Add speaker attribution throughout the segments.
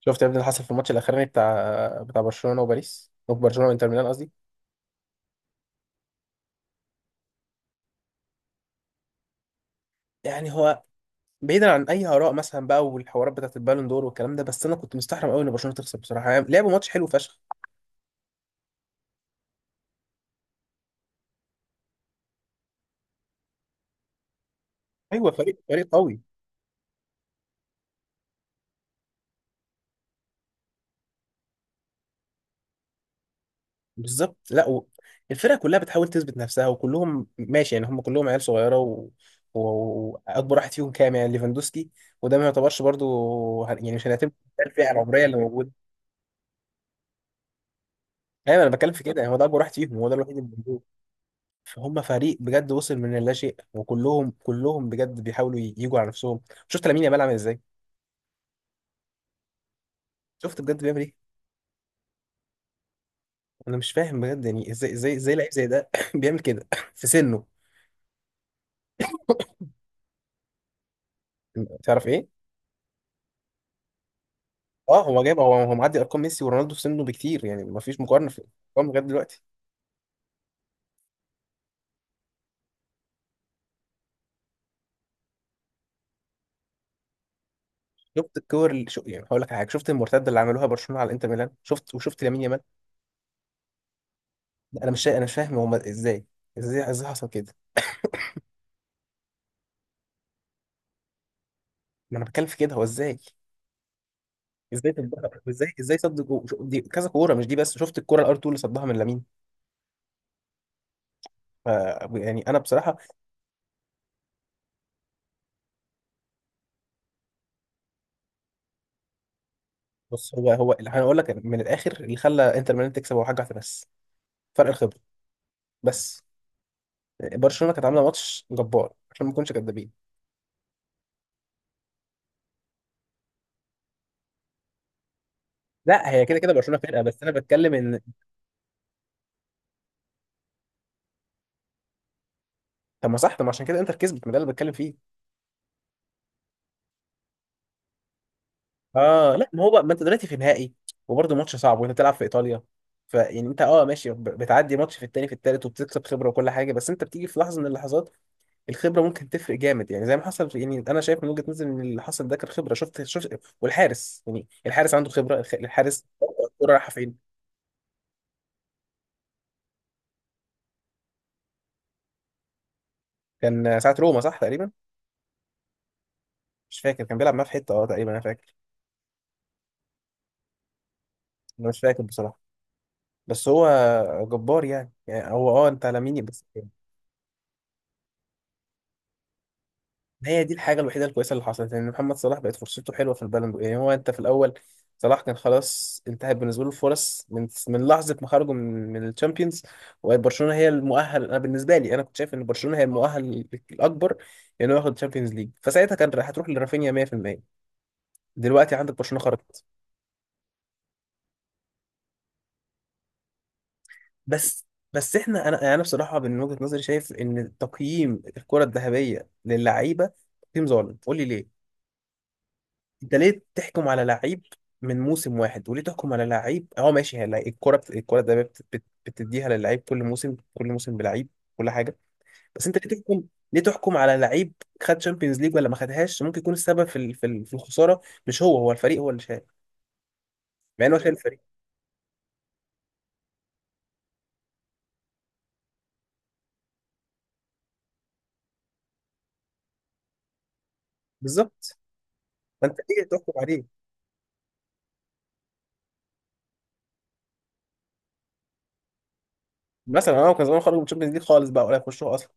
Speaker 1: شفت يا ابني اللي حصل في الماتش الاخراني بتاع برشلونه وباريس او برشلونه وانتر ميلان قصدي. يعني هو بعيدا عن اي اراء مثلا بقى والحوارات بتاعت البالون دور والكلام ده، بس انا كنت مستحرم قوي ان برشلونه تخسر بصراحه، يعني لعبوا ماتش حلو فشخ. ايوه، فريق قوي. بالظبط. لا. الفرقه كلها بتحاول تثبت نفسها وكلهم ماشي، يعني هم كلهم عيال صغيره و واكبر واحد فيهم كام؟ يعني ليفاندوسكي، وده ما يعتبرش برضو، يعني مش هنعتبر الفئه العمريه اللي موجوده. ايوه انا بتكلم في كده، يعني هو ده اكبر واحد فيهم، هو ده الوحيد اللي موجود. هم فريق بجد وصل من اللاشيء، وكلهم بجد بيحاولوا يجوا على نفسهم. شفت لامين يامال عامل ازاي؟ شفت بجد بيعمل ايه؟ انا مش فاهم بجد، يعني ازاي لعيب زي ده بيعمل كده في سنه؟ تعرف ايه؟ اه، هو جايب، هو معدي ارقام ميسي ورونالدو في سنه بكتير، يعني ما فيش مقارنه في الارقام لغايه دلوقتي. شفت الكور اللي يعني هقول لك على حاجه، شفت المرتده اللي عملوها برشلونه على انتر ميلان؟ شفت وشفت لامين يامال. انا مش فاهم هم ازاي، ازاي حصل كده؟ ما انا بتكلم في كده، هو ازاي؟ ازاي صدها؟ ازاي صد دي كذا كوره، مش دي بس، شفت الكوره الار 2 اللي صدها من لامين. ف- يعني انا بصراحه. بص، هو اللي هنقول لك من الاخر، اللي خلى انتر ميلان تكسب هو حاجه واحده بس، فرق الخبره. بس برشلونه كانت عامله ماتش جبار عشان ما نكونش كدابين. لا، هي كده كده برشلونه فرقه، بس انا بتكلم ان، طب ما صح، طب ما عشان كده انتر كسبت، ما ده اللي بتكلم فيه. اه لا، ما هو بقى، ما انت دلوقتي في نهائي وبرضه ماتش صعب، وانت بتلعب في ايطاليا، فيعني انت اه ماشي، بتعدي ماتش في التاني في التالت، وبتكسب خبره وكل حاجه. بس انت بتيجي في لحظه من اللحظات الخبره ممكن تفرق جامد، يعني زي ما حصل. يعني انا شايف من وجهه نظري ان اللي حصل ده كان خبره. شفت والحارس، يعني الحارس عنده خبره، الحارس الكوره رايحه فين. كان ساعه روما صح تقريبا. مش فاكر، كان بيلعب معاه في حته اه تقريبا انا فاكر. انا مش فاكر بصراحه، بس هو جبار يعني، يعني هو اه انت على مين بس. ما هي دي الحاجة الوحيدة الكويسة اللي حصلت، ان محمد صلاح بقت فرصته حلوة في البالون دور. يعني هو انت في الاول صلاح كان خلاص انتهت بالنسبة له الفرص، من لحظة ما خرجوا من الشامبيونز، وبرشلونة هي المؤهل. انا بالنسبة لي، انا كنت شايف ان برشلونة هي المؤهل الاكبر انه ياخد الشامبيونز ليج، فساعتها كان راح هتروح لرافينيا 100%. دلوقتي عندك برشلونة خرجت. بس بس احنا انا، يعني انا بصراحة من وجهة نظري شايف ان تقييم الكرة الذهبية للعيبة تقييم ظالم. قول لي ليه. انت ليه تحكم على لعيب من موسم واحد؟ وليه تحكم على لعيب، اه ماشي هي الكرة الكرة ده بتديها للعيب كل موسم، كل موسم بلعيب كل حاجة، بس انت ليه تحكم؟ ليه تحكم على لعيب خد شامبيونز ليج ولا ما خدهاش؟ ممكن يكون السبب في الخسارة مش هو، هو الفريق هو اللي شايل، مع انه شايل الفريق. بالظبط، فانت ليه تحكم عليه؟ مثلا انا كان زمان خرج من الشامبيونز ليج خالص بقى ولا يخشوها اصلا.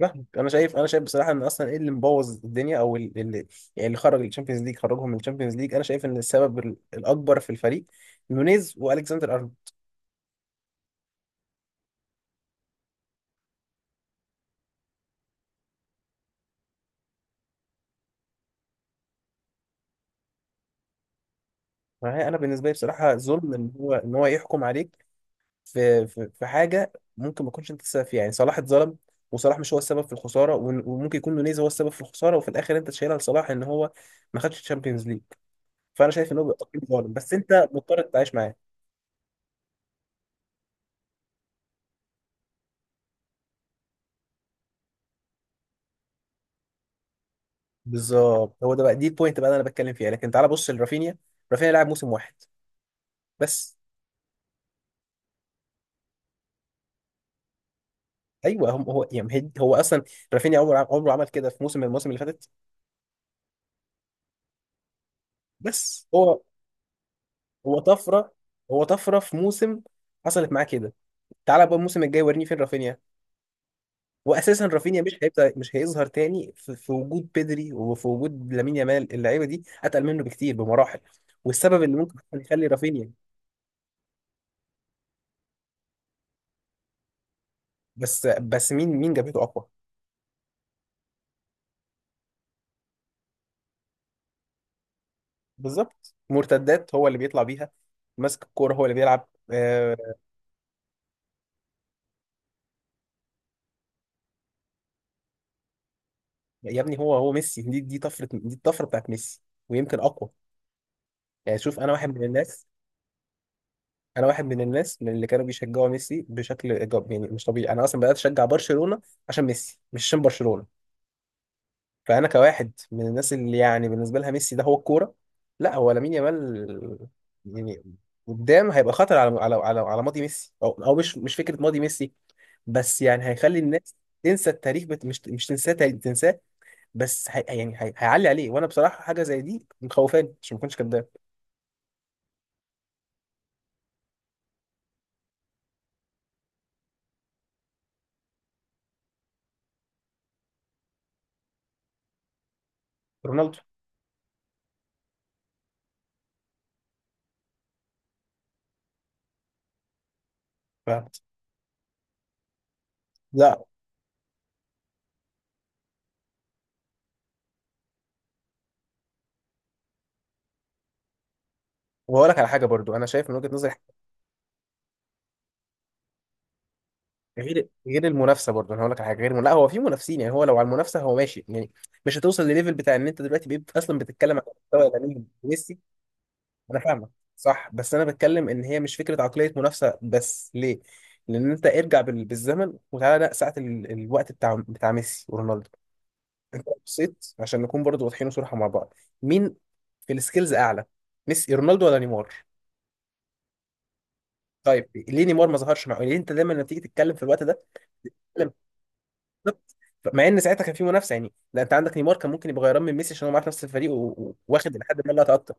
Speaker 1: فاهمك. انا شايف، انا شايف بصراحه ان اصلا ايه اللي مبوظ الدنيا، او اللي يعني اللي خرج الشامبيونز ليج، خرجهم من الشامبيونز ليج، انا شايف ان السبب الاكبر في الفريق نونيز والكسندر ارنولد. فهي انا بالنسبه لي بصراحه ظلم ان هو، ان هو يحكم عليك في في حاجه ممكن ما تكونش انت السبب فيها. يعني صلاح اتظلم، وصلاح مش هو السبب في الخساره، وممكن يكون نونيز هو السبب في الخساره، وفي الاخر انت تشيلها لصلاح ان هو ما خدش الشامبيونز ليج. فانا شايف ان هو بيبقى تقييم ظالم، بس انت مضطر تعيش معاه. بالظبط، هو ده بقى دي البوينت بقى اللي انا بتكلم فيها. لكن تعال بص لرافينيا، رافينيا لعب موسم واحد بس. ايوه هم هو يعني، هو اصلا رافينيا عمره عمل كده في موسم من المواسم اللي فاتت. بس هو، هو طفره، هو طفره في موسم حصلت معاه كده. تعال بقى الموسم الجاي وريني فين رافينيا. واساسا رافينيا مش هيبدا، مش هيظهر تاني في، في وجود بيدري وفي وجود لامين يامال، اللعيبه دي اتقل منه بكتير بمراحل. والسبب اللي ممكن يخلي رافينيا، بس مين، مين جابته اقوى؟ بالظبط، مرتدات هو اللي بيطلع بيها، ماسك الكوره هو اللي بيلعب آه. يا ابني هو، هو ميسي، دي، دي طفره، دي الطفره بتاعت ميسي، ويمكن اقوى. يعني شوف، انا واحد من الناس، انا واحد من الناس من اللي كانوا بيشجعوا ميسي بشكل إيجابي يعني مش طبيعي، انا اصلا بدات اشجع برشلونه عشان ميسي، مش عشان برشلونه. فانا كواحد من الناس اللي يعني بالنسبه لها ميسي ده هو الكوره، لا هو لامين يامال. يعني قدام هيبقى خطر على، على، على، على ماضي ميسي، او او مش، مش فكره ماضي ميسي، بس يعني هيخلي الناس تنسى التاريخ، مش، مش تنساه، تاريخ تنساه. بس يعني هيعلي عليه، وانا بصراحه حاجه زي دي مخوفاني عشان ما اكونش كداب. رونالدو. ف... لا. وهقول لك على حاجه برضو انا شايف من وجهه نظري غير، غير المنافسه. برضه انا هقول لك على حاجه غير، لا هو في منافسين يعني، هو لو على المنافسه هو ماشي يعني، مش هتوصل لليفل بتاع ان انت دلوقتي بقيت اصلا بتتكلم عن مستوى لامين وميسي. انا فاهمك. صح، بس انا بتكلم ان هي مش فكره عقليه منافسه بس، ليه؟ لان انت ارجع بالزمن وتعالى لا ساعه الوقت بتاع ميسي ورونالدو. انت بصيت، عشان نكون برضه واضحين صراحه مع بعض، مين في السكيلز اعلى؟ ميسي، رونالدو، ولا نيمار؟ طيب ليه نيمار ما ظهرش مع، ليه انت دايما لما تيجي تتكلم في الوقت ده؟ بالظبط. مع ان ساعتها كان في منافسه يعني، لا انت عندك نيمار كان ممكن يبقى غيران من ميسي عشان هو معاه في نفس الفريق و واخد لحد ما لا اكتر.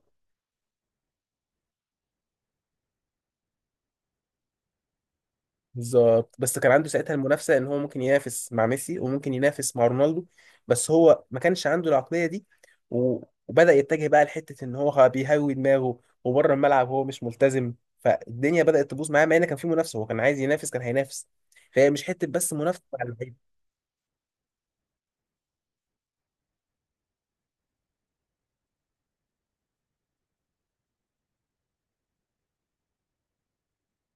Speaker 1: بالظبط، بس كان عنده ساعتها المنافسه ان هو ممكن ينافس مع ميسي، وممكن ينافس مع رونالدو، بس هو ما كانش عنده العقليه دي. و- وبدا يتجه بقى لحته ان هو بيهوي دماغه وبره الملعب هو مش ملتزم، فالدنيا بدات تبوظ معاه، مع ان كان في منافسه هو كان عايز ينافس كان هينافس. فهي مش حته بس منافسه على اللعيب.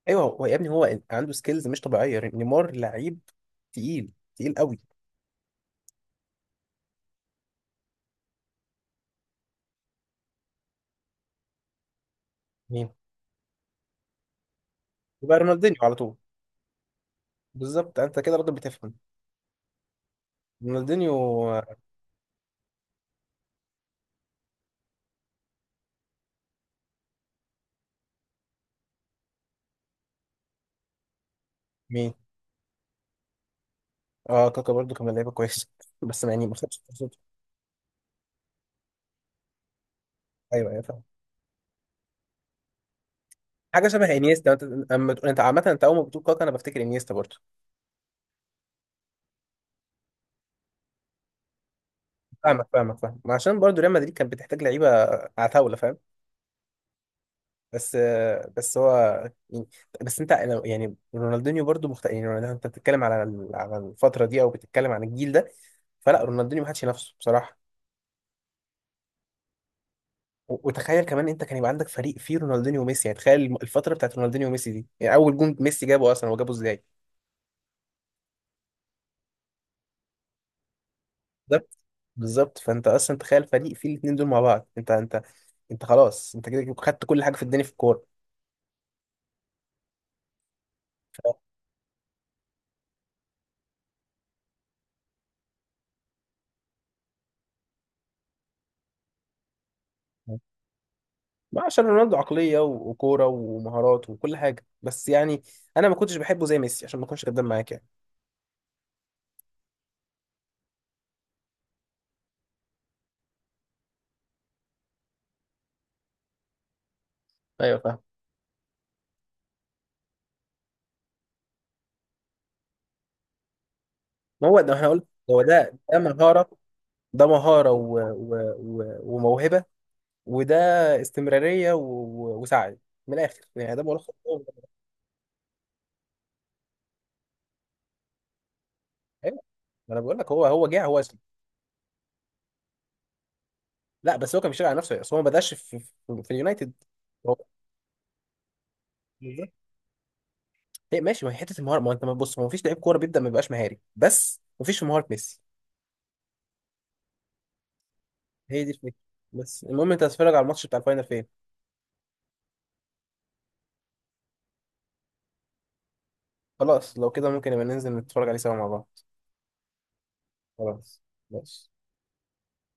Speaker 1: ايوه، هو يا ابني هو عنده سكيلز مش طبيعيه، نيمار لعيب تقيل قوي. يبقى رونالدينيو على طول. بالظبط، انت كده راجل بتفهم. رونالدينيو. آه، مين؟ اه، كاكا برضو كان لعيبه كويس بس يعني ما خدش فرصته. ايوه، ايوه، فاهم. حاجه شبه انيستا انت. انت عامه انت اول ما بتقول كاكا انا بفتكر انيستا برضو. فاهمك، فاهمك، فاهم، عشان برضو ريال مدريد كانت بتحتاج لعيبه عتاوله، فاهم. بس آه، بس هو يعني، يعني رونالدينيو برضو يعني انت بتتكلم على على الفتره دي او بتتكلم عن الجيل ده؟ فلا رونالدينيو ما حدش ينافسه بصراحه. وتخيل كمان، انت كان يبقى عندك فريق فيه رونالدينيو وميسي، يعني تخيل الفتره بتاعت رونالدينيو وميسي دي، يعني اول جون ميسي جابه اصلا هو جابه ازاي؟ بالظبط، بالظبط، فانت اصلا تخيل فريق فيه الاثنين دول مع بعض، انت انت خلاص، انت كده خدت كل حاجه في الدنيا في الكوره. ف... ما عشان رونالدو عقليه وكوره ومهارات وكل حاجه، بس يعني انا ما كنتش بحبه زي ميسي عشان ما اكونش كداب معاك يعني. ايوه فاهم. ما هو ده احنا قلت، هو ده، ده مهاره. ده مهاره و وموهبه، وده استمراريه و وسعي، من الاخر يعني ده ملخص. ايوه، ما انا بقول لك، هو هو جه، هو اسلم. لا بس هو كان بيشتغل على نفسه، اصل هو ما بداش في، في اليونايتد. هو بالظبط. هي ماشي، ما هي حته المهاره، ما انت بص، ما فيش لعيب كوره بيبدا ما بيبقاش مهاري، بس ما فيش في مهاره ميسي. هي دي الفكره. بس المهم، انت هتتفرج على الماتش بتاع الفاينل فين؟ خلاص، لو كده ممكن نبقى ننزل نتفرج عليه سوا مع بعض. خلاص، ماشي.